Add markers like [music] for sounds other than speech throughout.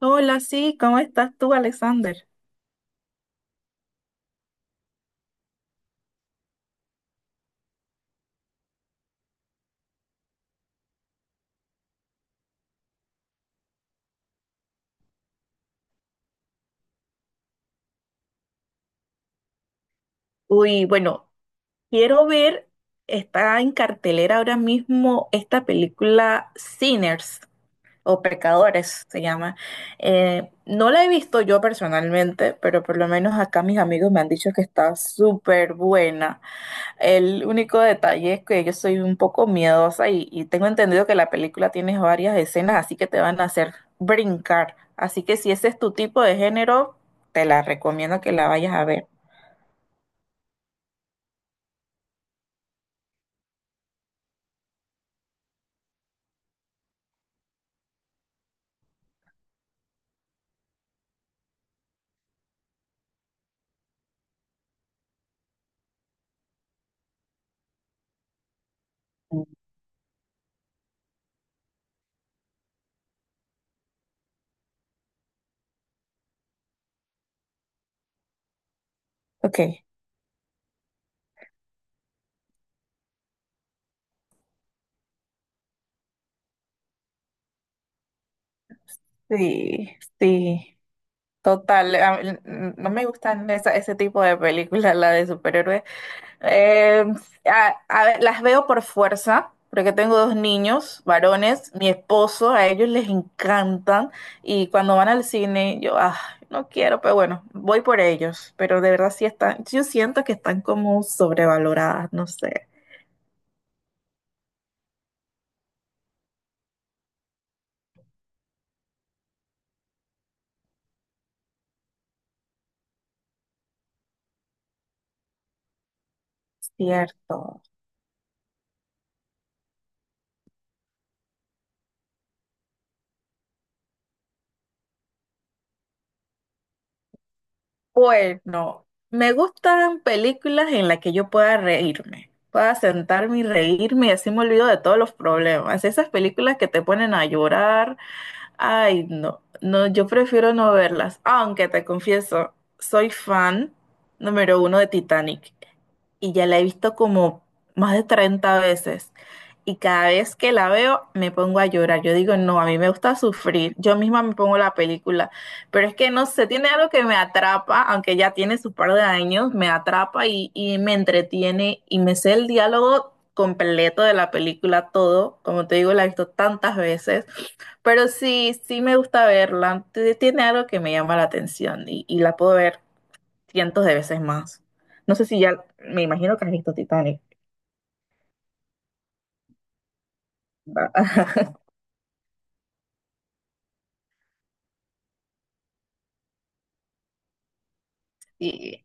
Hola, sí, ¿cómo estás tú, Alexander? Uy, bueno, quiero ver, está en cartelera ahora mismo esta película Sinners o Pecadores se llama. No la he visto yo personalmente, pero por lo menos acá mis amigos me han dicho que está súper buena. El único detalle es que yo soy un poco miedosa y tengo entendido que la película tiene varias escenas, así que te van a hacer brincar. Así que si ese es tu tipo de género, te la recomiendo que la vayas a ver. Ok, sí, sí, total. No me gustan ese tipo de películas, la de superhéroes. Eh, a ver, las veo por fuerza, porque tengo dos niños, varones, mi esposo, a ellos les encantan y cuando van al cine yo, ah, no quiero, pero bueno, voy por ellos, pero de verdad sí están, yo siento que están como sobrevaloradas, no sé. Cierto. Bueno, me gustan películas en las que yo pueda reírme, pueda sentarme y reírme y así me olvido de todos los problemas. Esas películas que te ponen a llorar, ay, no, no, yo prefiero no verlas, aunque te confieso, soy fan número uno de Titanic y ya la he visto como más de 30 veces y cada vez que la veo me pongo a llorar. Yo digo, no, a mí me gusta sufrir, yo misma me pongo la película, pero es que no sé, tiene algo que me atrapa, aunque ya tiene su par de años, me atrapa y me entretiene y me sé el diálogo completo de la película, todo, como te digo, la he visto tantas veces. Pero sí, sí me gusta verla. Tiene algo que me llama la atención y la puedo ver cientos de veces más. No sé si ya, me imagino que has visto Titanic, ¿verdad? [laughs] Sí,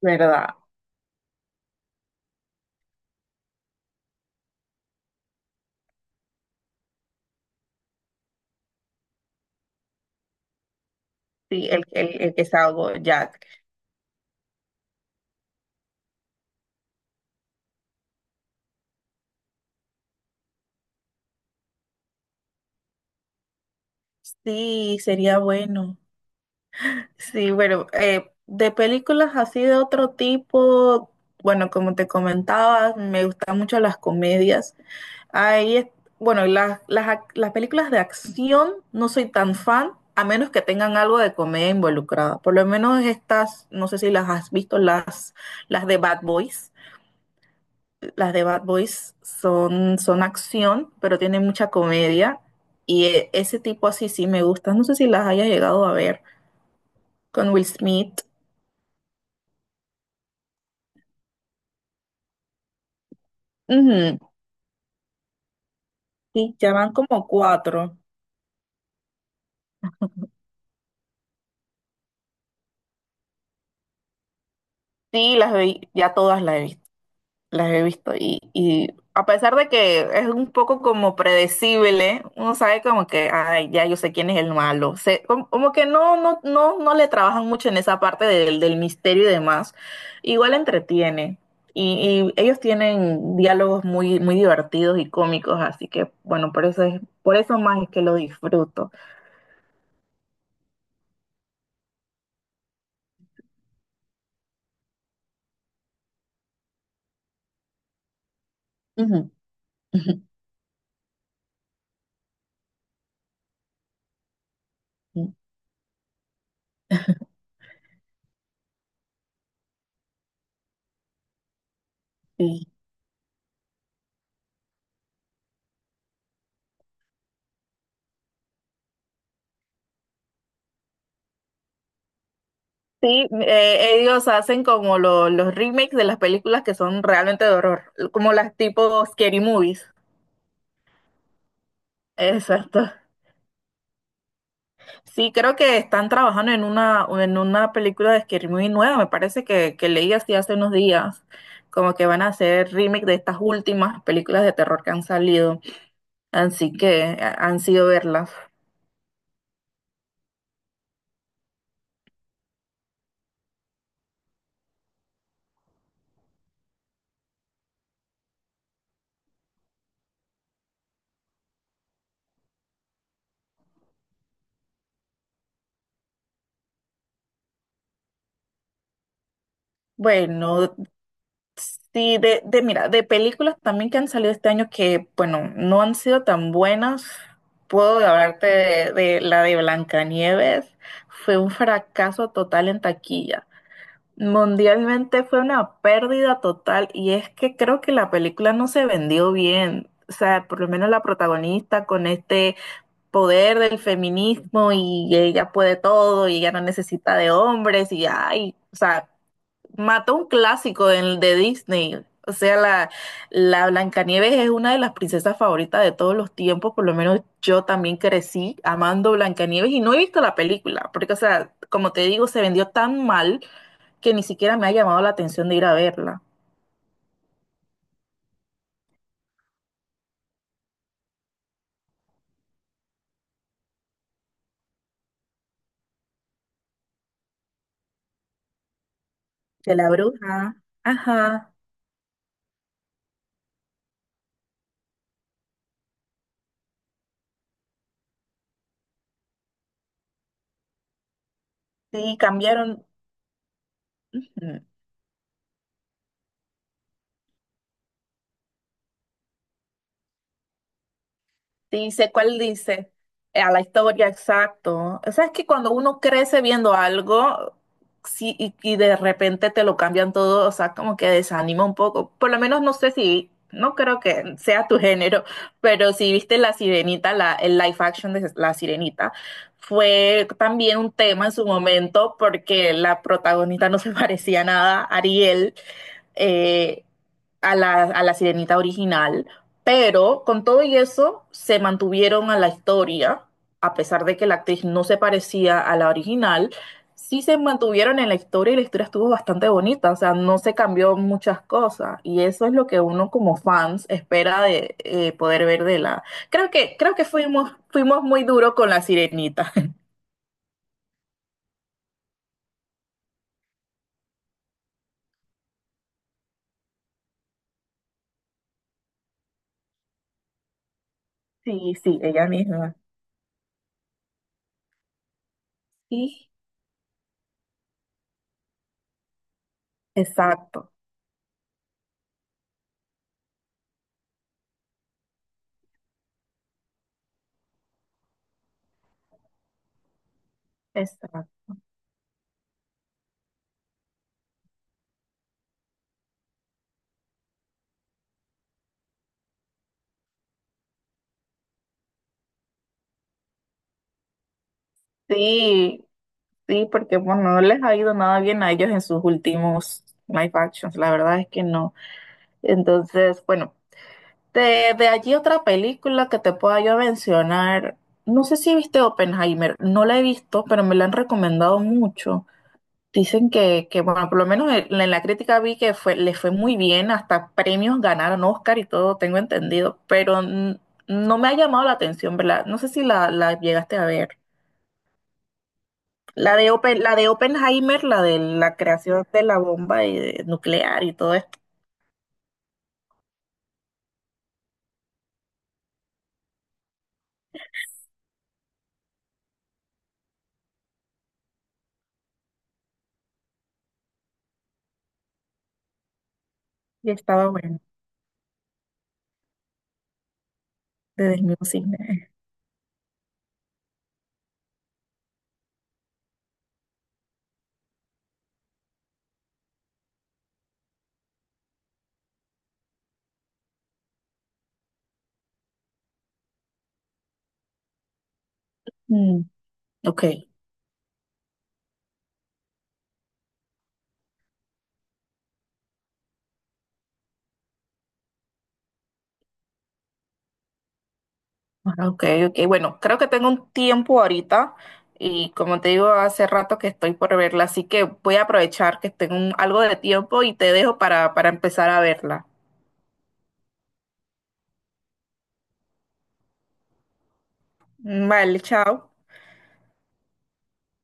¿verdad? Sí, el que es algo Jack. Sí, sería bueno. Sí, bueno, de películas así de otro tipo, bueno, como te comentaba, me gustan mucho las comedias. Ahí es, bueno, y las películas de acción no soy tan fan, a menos que tengan algo de comedia involucrada. Por lo menos estas, no sé si las has visto, las de Bad Boys. Las de Bad Boys son, son acción, pero tienen mucha comedia. Y ese tipo así sí me gusta. No sé si las hayas llegado a ver con Will Smith. Ujú. Sí, ya van como cuatro. Sí, las vi, ya todas las he visto. Las he visto y a pesar de que es un poco como predecible, uno sabe como que, ay, ya yo sé quién es el malo. Como que no le trabajan mucho en esa parte del, del misterio y demás. Igual entretiene. Y ellos tienen diálogos muy, muy divertidos y cómicos, así que bueno, por eso es, por eso más es que lo disfruto. Ujú, ujú, ujú. Sí, ellos hacen como los remakes de las películas que son realmente de horror, como las tipo scary movies. Exacto. Sí, creo que están trabajando en una película de scary movie nueva, me parece que leí así hace unos días, como que van a hacer remake de estas últimas películas de terror que han salido, así que han sido verlas. Bueno, sí, mira, de películas también que han salido este año que, bueno, no han sido tan buenas. Puedo hablarte de, la de Blancanieves. Fue un fracaso total en taquilla. Mundialmente fue una pérdida total y es que creo que la película no se vendió bien. O sea, por lo menos la protagonista con este poder del feminismo y ella puede todo y ella no necesita de hombres y ay, o sea, mató un clásico de Disney. O sea, la Blancanieves es una de las princesas favoritas de todos los tiempos. Por lo menos yo también crecí amando Blancanieves y no he visto la película, porque, o sea, como te digo, se vendió tan mal que ni siquiera me ha llamado la atención de ir a verla. De la bruja. Ajá. Sí, cambiaron. Sí, sé cuál dice. A la historia, exacto. O sea, es que cuando uno crece viendo algo, sí, y de repente te lo cambian todo, o sea, como que desanima un poco. Por lo menos no sé si, no creo que sea tu [laughs] género, pero si viste La Sirenita, la, el live action de La Sirenita, fue también un tema en su momento porque la protagonista no se [laughs] parecía nada a Ariel, eh, a la sirenita original, pero con todo y eso se mantuvieron a la historia, a pesar de que la actriz no se parecía a la original, sí se mantuvieron en la historia y la historia estuvo bastante bonita, o sea, no se cambió muchas cosas y eso es lo que uno como fans espera de poder ver de la... creo que fuimos, fuimos muy duros con la sirenita. [laughs] Sí, sí, ella misma. Sí, exacto, exacto. Sí, sí, porque bueno, no les ha ido nada bien a ellos en sus últimos live actions, la verdad es que no. Entonces, bueno, de allí otra película que te pueda yo mencionar, no sé si viste Oppenheimer, no la he visto, pero me la han recomendado mucho. Dicen que bueno, por lo menos en, la crítica vi que fue, le fue muy bien, hasta premios ganaron Oscar y todo, tengo entendido, pero no me ha llamado la atención, ¿verdad? No sé si la llegaste a ver. La de Oppenheimer, la de la creación de la bomba y nuclear y todo esto. Y estaba bueno, desde el mismo cine. Mm, ok, ok, ok. Bueno, creo que tengo un tiempo ahorita y como te digo, hace rato que estoy por verla, así que voy a aprovechar que tengo algo de tiempo y te dejo para, empezar a verla. Vale, chao.